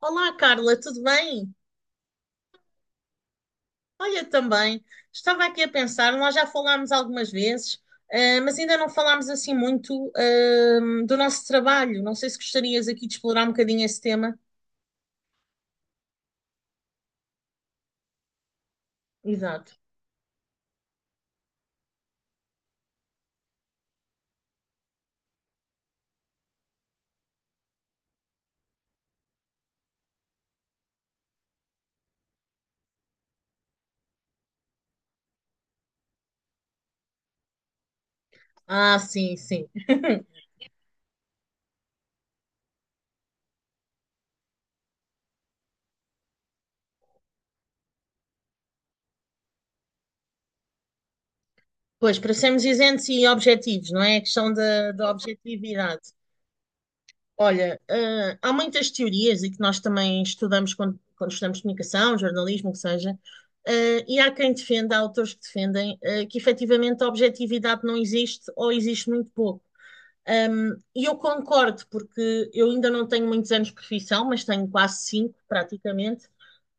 Olá, Carla, tudo bem? Olha, também, estava aqui a pensar, nós já falámos algumas vezes, mas ainda não falámos assim muito, do nosso trabalho. Não sei se gostarias aqui de explorar um bocadinho esse tema. Exato. Ah, sim, sim. Pois, para sermos isentos e objetivos, não é? A questão da objetividade. Olha, há muitas teorias e que nós também estudamos quando estudamos comunicação, jornalismo, o que seja, e há quem defenda, há autores que defendem, que efetivamente a objetividade não existe ou existe muito pouco. E eu concordo, porque eu ainda não tenho muitos anos de profissão, mas tenho quase cinco, praticamente.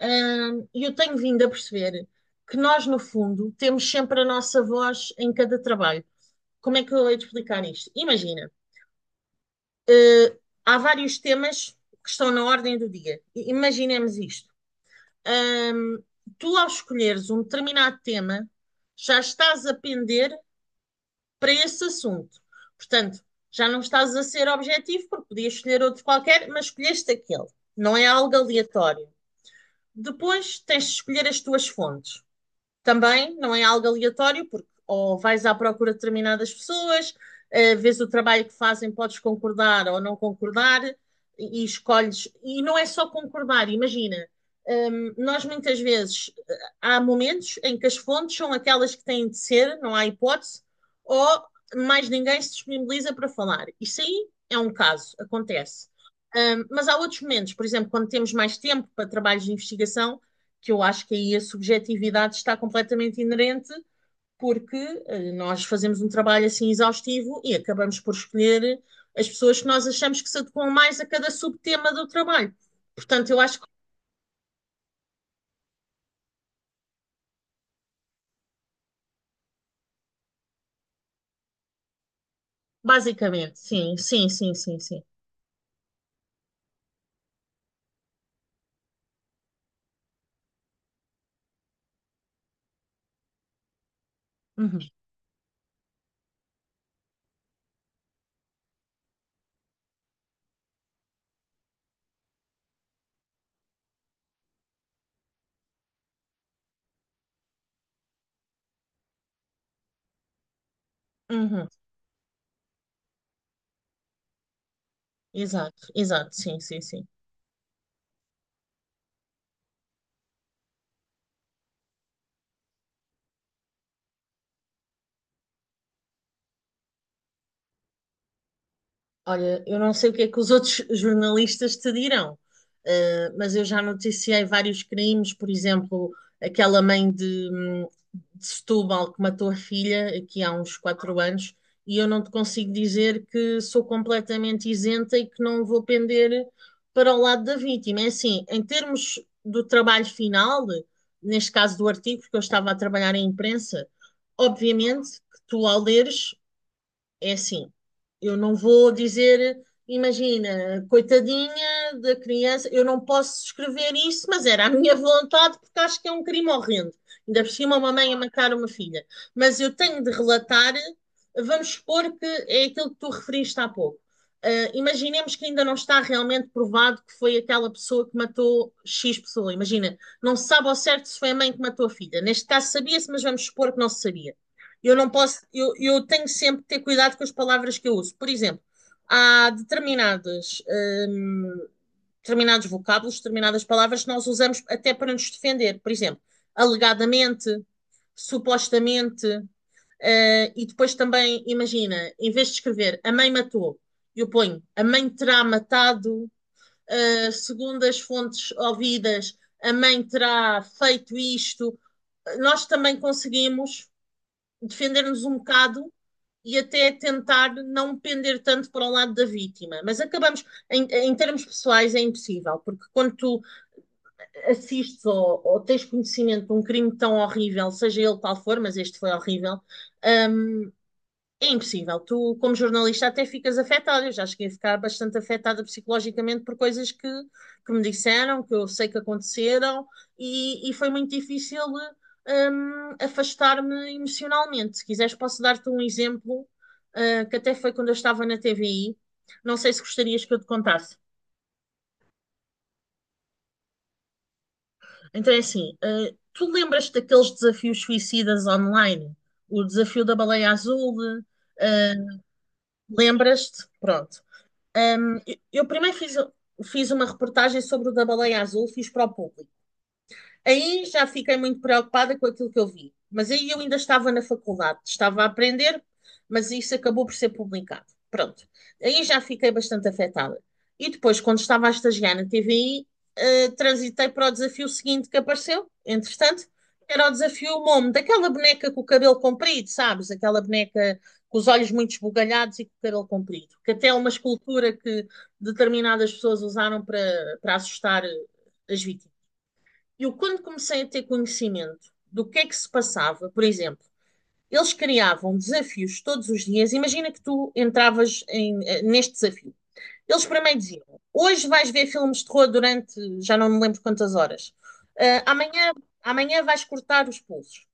E eu tenho vindo a perceber que nós, no fundo, temos sempre a nossa voz em cada trabalho. Como é que eu hei de explicar isto? Imagina. Uh, Há vários temas que estão na ordem do dia. Imaginemos isto. Um, Tu, ao escolheres um determinado tema, já estás a pender para esse assunto. Portanto, já não estás a ser objetivo, porque podias escolher outro qualquer, mas escolheste aquele. Não é algo aleatório. Depois tens de escolher as tuas fontes, também não é algo aleatório, porque ou vais à procura de determinadas pessoas, vês o trabalho que fazem, podes concordar ou não concordar, e escolhes. E não é só concordar, imagina. Hum, nós muitas vezes, há momentos em que as fontes são aquelas que têm de ser, não há hipótese, ou mais ninguém se disponibiliza para falar. Isso aí é um caso, acontece. Mas há outros momentos, por exemplo, quando temos mais tempo para trabalhos de investigação, que eu acho que aí a subjetividade está completamente inerente, porque nós fazemos um trabalho assim exaustivo e acabamos por escolher as pessoas que nós achamos que se adequam mais a cada subtema do trabalho. Portanto, eu acho que basicamente, sim, sim, sim, sim, sim. Uhum, uhum. Exato, exato, sim, sim, sim. Olha, eu não sei o que é que os outros jornalistas te dirão, mas eu já noticiei vários crimes, por exemplo, aquela mãe de Setúbal que matou a filha aqui há uns quatro anos, e eu não te consigo dizer que sou completamente isenta e que não vou pender para o lado da vítima. É assim, em termos do trabalho final, neste caso do artigo, porque eu estava a trabalhar em imprensa, obviamente que tu ao leres, é assim, eu não vou dizer, imagina, coitadinha da criança, eu não posso escrever isso, mas era a minha vontade porque acho que é um crime horrendo. Ainda por cima uma mãe a matar uma filha. Mas eu tenho de relatar, vamos supor que é aquilo que tu referiste há pouco. Ah, imaginemos que ainda não está realmente provado que foi aquela pessoa que matou X pessoa. Imagina, não se sabe ao certo se foi a mãe que matou a filha. Neste caso sabia-se, mas vamos supor que não se sabia. Eu não posso, eu tenho sempre que ter cuidado com as palavras que eu uso. Por exemplo, há determinadas, hum, determinados vocábulos, determinadas palavras que nós usamos até para nos defender. Por exemplo, alegadamente, supostamente, e depois também, imagina, em vez de escrever a mãe matou, eu ponho a mãe terá matado, segundo as fontes ouvidas, a mãe terá feito isto. Nós também conseguimos defender-nos um bocado e até tentar não pender tanto para o lado da vítima. Mas acabamos, em termos pessoais, é impossível, porque quando tu assistes ou, tens conhecimento de um crime tão horrível, seja ele qual for, mas este foi horrível, é impossível. Tu, como jornalista, até ficas afetada. Eu já cheguei a ficar bastante afetada psicologicamente por coisas que me disseram, que eu sei que aconteceram, e foi muito difícil, afastar-me emocionalmente. Se quiseres, posso dar-te um exemplo, que até foi quando eu estava na TVI. Não sei se gostarias que eu te contasse. Então é assim, tu lembras-te daqueles desafios suicidas online? O desafio da baleia azul? Lembras-te? Pronto. Eu primeiro fiz, fiz uma reportagem sobre o da baleia azul, fiz para o público. Aí já fiquei muito preocupada com aquilo que eu vi. Mas aí eu ainda estava na faculdade, estava a aprender, mas isso acabou por ser publicado. Pronto. Aí já fiquei bastante afetada. E depois, quando estava a estagiar na TVI, transitei para o desafio seguinte que apareceu, entretanto, era o desafio Momo, daquela boneca com o cabelo comprido, sabes? Aquela boneca com os olhos muito esbugalhados e com o cabelo comprido, que até é uma escultura que determinadas pessoas usaram para, para assustar as vítimas. Eu, quando comecei a ter conhecimento do que é que se passava, por exemplo, eles criavam desafios todos os dias. Imagina que tu entravas em, neste desafio eles primeiro diziam: hoje vais ver filmes de terror durante, já não me lembro quantas horas. Ah, amanhã, amanhã vais cortar os pulsos.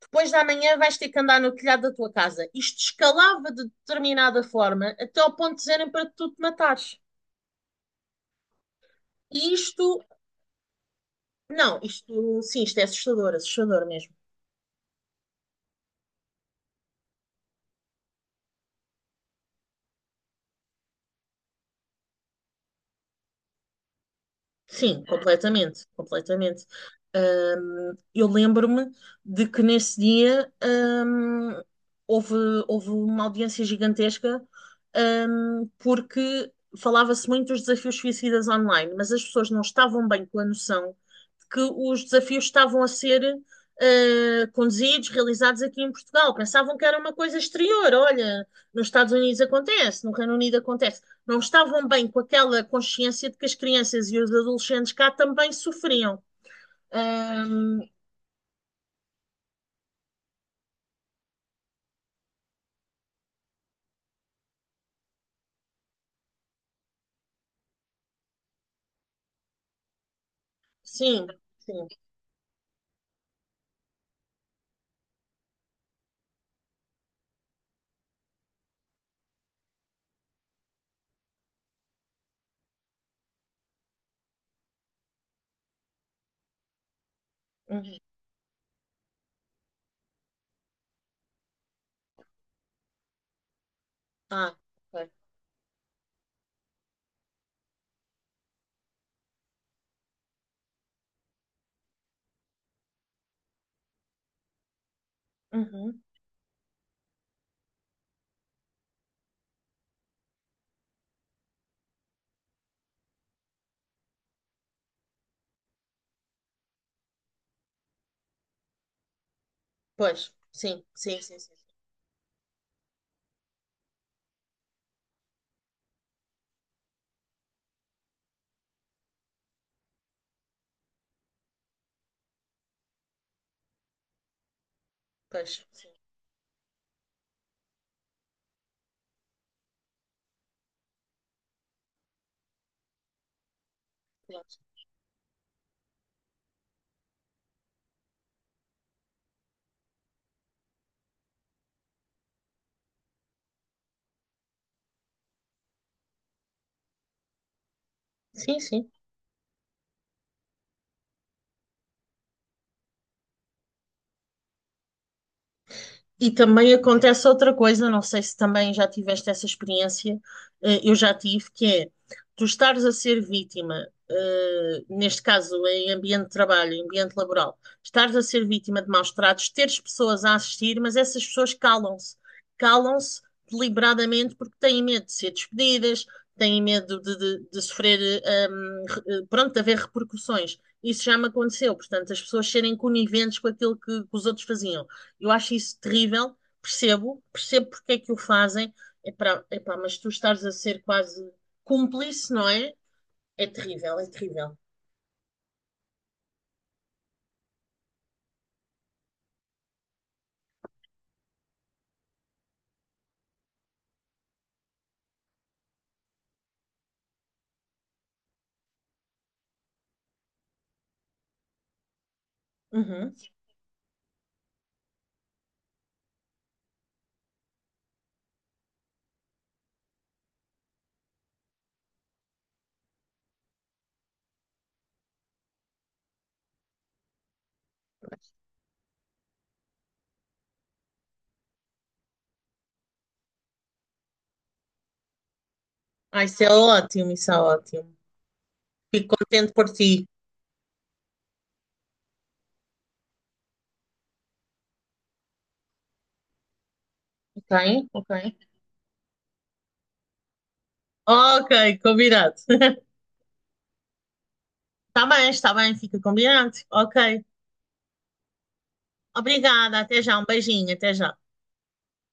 Depois da manhã vais ter que andar no telhado da tua casa. Isto escalava de determinada forma até ao ponto de dizerem para tu te matares. E isto, não, isto sim, isto é assustador, assustador mesmo. Sim, completamente, completamente. Eu lembro-me de que nesse dia, houve, houve uma audiência gigantesca, porque falava-se muito dos desafios suicidas online, mas as pessoas não estavam bem com a noção de que os desafios estavam a ser, ah, conduzidos, realizados aqui em Portugal. Pensavam que era uma coisa exterior. Olha, nos Estados Unidos acontece, no Reino Unido acontece, não estavam bem com aquela consciência de que as crianças e os adolescentes cá também sofriam. Ahm, sim, sim. Uhum. Ah, ok. Uhum. Pois, sim, sim, sim, sim. Pois, sim, claro. Sim, sim. E também acontece outra coisa, não sei se também já tiveste essa experiência, eu já tive, que é tu estares a ser vítima, neste caso em ambiente de trabalho, em ambiente laboral, estares a ser vítima de maus tratos, teres pessoas a assistir, mas essas pessoas calam-se, calam-se deliberadamente porque têm medo de ser despedidas, têm medo de, de sofrer, pronto, de haver repercussões. Isso já me aconteceu, portanto, as pessoas serem coniventes com aquilo que os outros faziam. Eu acho isso terrível, percebo, percebo porque é que o fazem. Epá, epá, mas tu estás a ser quase cúmplice, não é? É terrível, é terrível. Uhum. Ah, isso é ótimo, isso é ótimo. Fico contente por ti. Ok, ok. Ok, combinado. Tá bem, está bem, fica combinado. Ok. Obrigada, até já, um beijinho, até já.